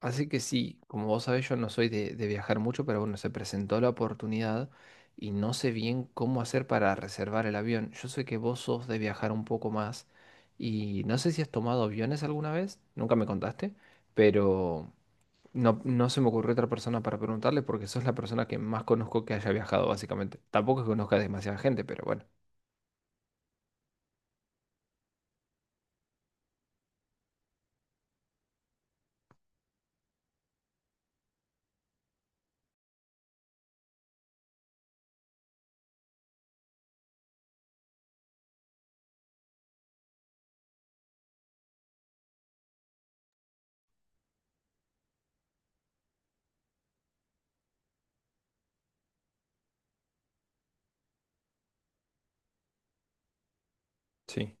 Así que sí, como vos sabés, yo no soy de viajar mucho, pero bueno, se presentó la oportunidad y no sé bien cómo hacer para reservar el avión. Yo sé que vos sos de viajar un poco más y no sé si has tomado aviones alguna vez, nunca me contaste, pero no se me ocurrió otra persona para preguntarle porque sos la persona que más conozco que haya viajado, básicamente. Tampoco es que conozca demasiada gente, pero bueno, sí.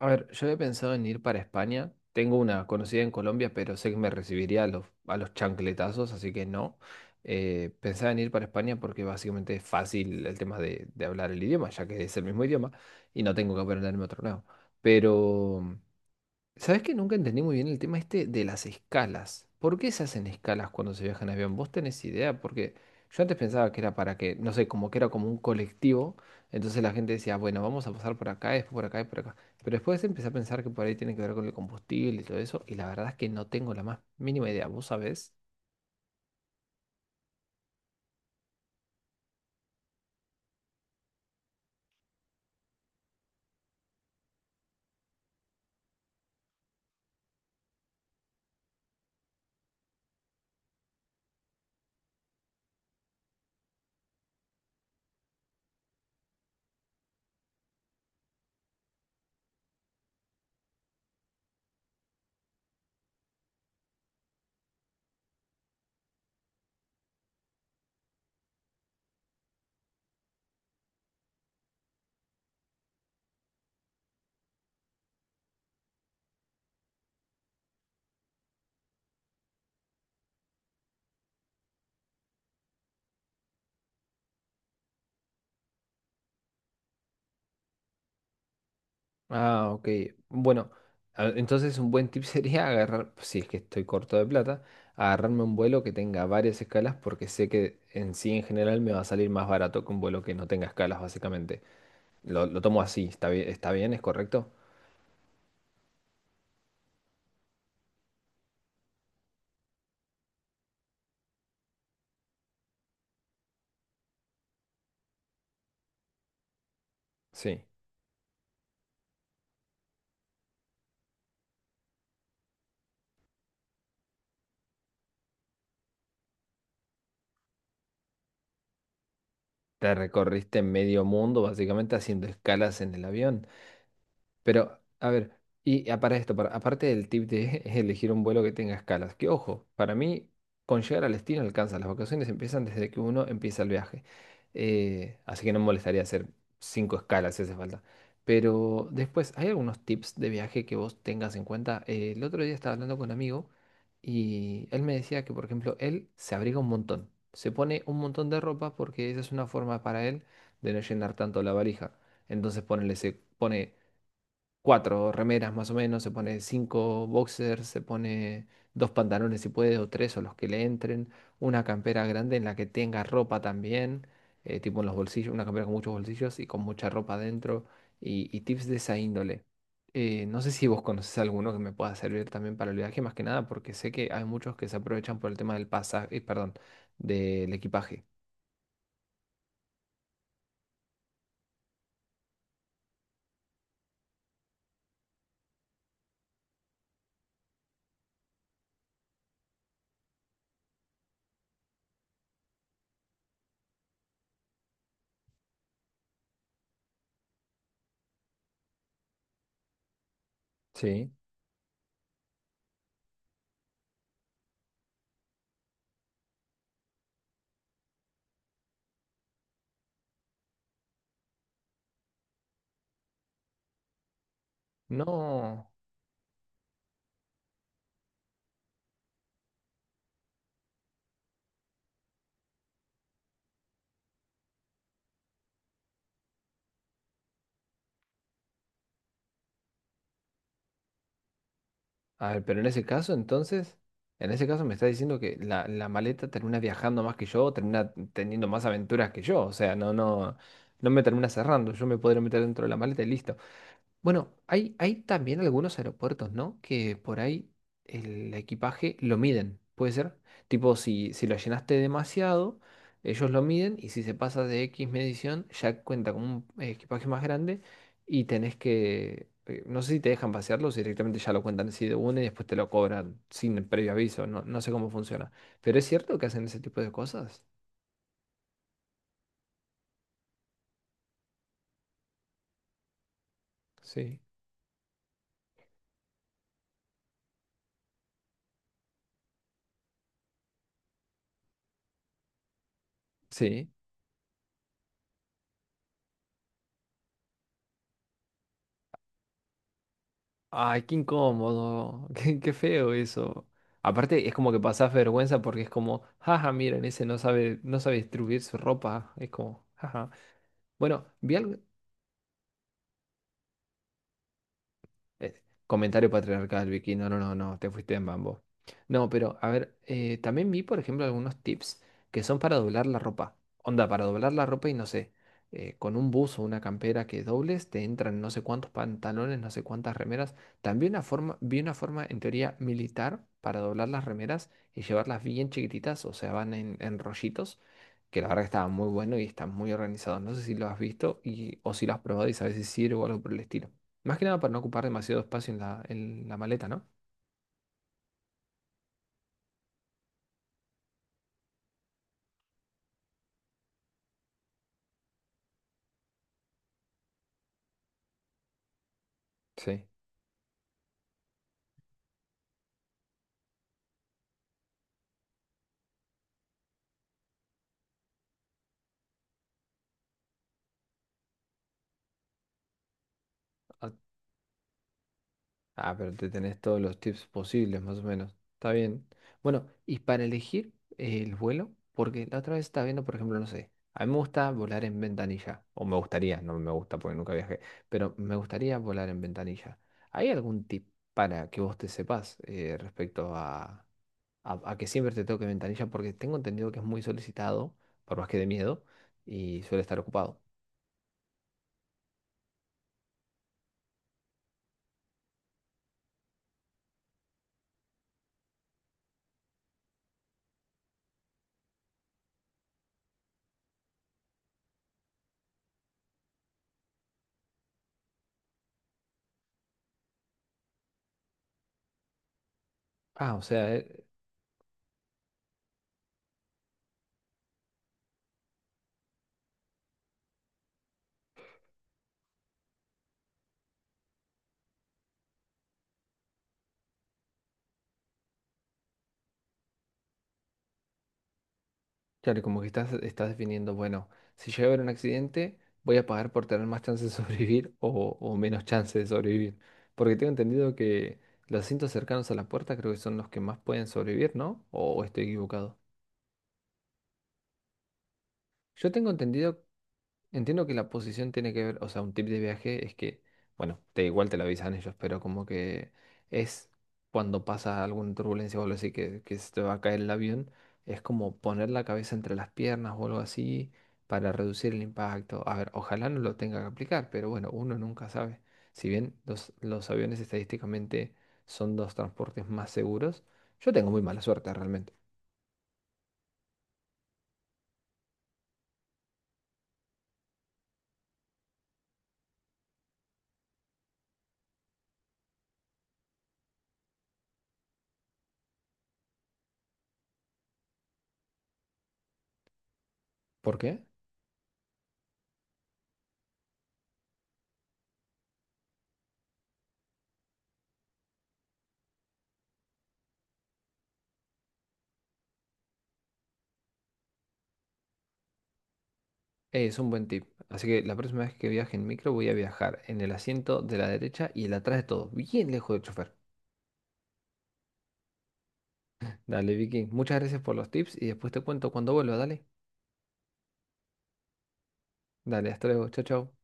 A ver, yo he pensado en ir para España. Tengo una conocida en Colombia, pero sé que me recibiría a los chancletazos, así que no. Pensaba en ir para España porque básicamente es fácil el tema de hablar el idioma, ya que es el mismo idioma y no tengo que aprenderme otro nuevo. Pero ¿sabés que nunca entendí muy bien el tema este de las escalas? ¿Por qué se hacen escalas cuando se viaja en avión? ¿Vos tenés idea? Porque yo antes pensaba que era para que, no sé, como que era como un colectivo, entonces la gente decía, bueno, vamos a pasar por acá, después por acá y por acá. Pero después empecé a pensar que por ahí tiene que ver con el combustible y todo eso, y la verdad es que no tengo la más mínima idea. ¿Vos sabés? Ah, ok. Bueno, entonces un buen tip sería agarrar, si es que estoy corto de plata, agarrarme un vuelo que tenga varias escalas porque sé que en sí en general me va a salir más barato que un vuelo que no tenga escalas, básicamente. Lo tomo así, ¿está bien? ¿Está bien? ¿Es correcto? Sí. Te recorriste medio mundo básicamente haciendo escalas en el avión. Pero, a ver, y para esto, aparte del tip de elegir un vuelo que tenga escalas, que ojo, para mí con llegar al destino alcanza, las vacaciones empiezan desde que uno empieza el viaje. Así que no me molestaría hacer cinco escalas si hace falta. Pero después, ¿hay algunos tips de viaje que vos tengas en cuenta? El otro día estaba hablando con un amigo y él me decía que, por ejemplo, él se abriga un montón, se pone un montón de ropa porque esa es una forma para él de no llenar tanto la valija. Entonces ponele, se pone cuatro remeras más o menos, se pone cinco boxers, se pone dos pantalones si puede, o tres o los que le entren, una campera grande en la que tenga ropa también, tipo en los bolsillos, una campera con muchos bolsillos y con mucha ropa dentro, y tips de esa índole. No sé si vos conoces alguno que me pueda servir también para el viaje, más que nada, porque sé que hay muchos que se aprovechan por el tema del pasaje, perdón, del equipaje. Sí. No. A ver, pero en ese caso, entonces, en ese caso me está diciendo que la maleta termina viajando más que yo, termina teniendo más aventuras que yo. O sea, no me termina cerrando. Yo me podría meter dentro de la maleta y listo. Bueno, hay también algunos aeropuertos, ¿no? Que por ahí el equipaje lo miden, ¿puede ser? Tipo, si lo llenaste demasiado, ellos lo miden y si se pasa de X medición, ya cuenta con un equipaje más grande y tenés que, no sé si te dejan pasearlo o si directamente ya lo cuentan así de una y después te lo cobran sin el previo aviso, no, no sé cómo funciona. Pero es cierto que hacen ese tipo de cosas. Sí. Sí. Ay, qué incómodo, qué feo eso. Aparte, es como que pasás vergüenza porque es como, jaja, miren, ese no sabe, no sabe distribuir su ropa. Es como, jaja. Bueno, eh, comentario patriarcal, Vicky. No, no, no, no, te fuiste en bambo. No, pero a ver, también vi, por ejemplo, algunos tips que son para doblar la ropa. Onda, para doblar la ropa y no sé, con un buzo o una campera que dobles, te entran no sé cuántos pantalones, no sé cuántas remeras. También una forma, vi una forma, en teoría, militar para doblar las remeras y llevarlas bien chiquititas, o sea, van en rollitos, que la verdad que estaba muy bueno y está muy organizado. No sé si lo has visto y, o si lo has probado y sabes si sirve o algo por el estilo. Más que nada para no ocupar demasiado espacio en la maleta, ¿no? Sí. Ah, ah, pero te tenés todos los tips posibles, más o menos. Está bien. Bueno, y para elegir el vuelo, porque la otra vez estaba viendo, por ejemplo, no sé, a mí me gusta volar en ventanilla, o me gustaría, no me gusta porque nunca viajé, pero me gustaría volar en ventanilla. ¿Hay algún tip para que vos te sepas respecto a que siempre te toque ventanilla? Porque tengo entendido que es muy solicitado, por más que de miedo, y suele estar ocupado. Ah, o sea, claro, como que estás definiendo, bueno, si llega a haber un accidente, voy a pagar por tener más chances de sobrevivir o menos chances de sobrevivir. Porque tengo entendido que los asientos cercanos a la puerta creo que son los que más pueden sobrevivir, ¿no? O estoy equivocado? Yo tengo entendido Entiendo que la posición tiene que ver, o sea, un tip de viaje es que, bueno, te igual te lo avisan ellos, pero como que es cuando pasa alguna turbulencia o algo así que se te va a caer el avión, es como poner la cabeza entre las piernas o algo así para reducir el impacto. A ver, ojalá no lo tenga que aplicar, pero bueno, uno nunca sabe. Si bien los aviones estadísticamente son los transportes más seguros, yo tengo muy mala suerte realmente. ¿Por qué? Es un buen tip. Así que la próxima vez que viaje en micro voy a viajar en el asiento de la derecha y el atrás de todo, bien lejos del chofer. Dale, Vicky, muchas gracias por los tips y después te cuento cuando vuelva, dale. Dale, hasta luego, chao, chao.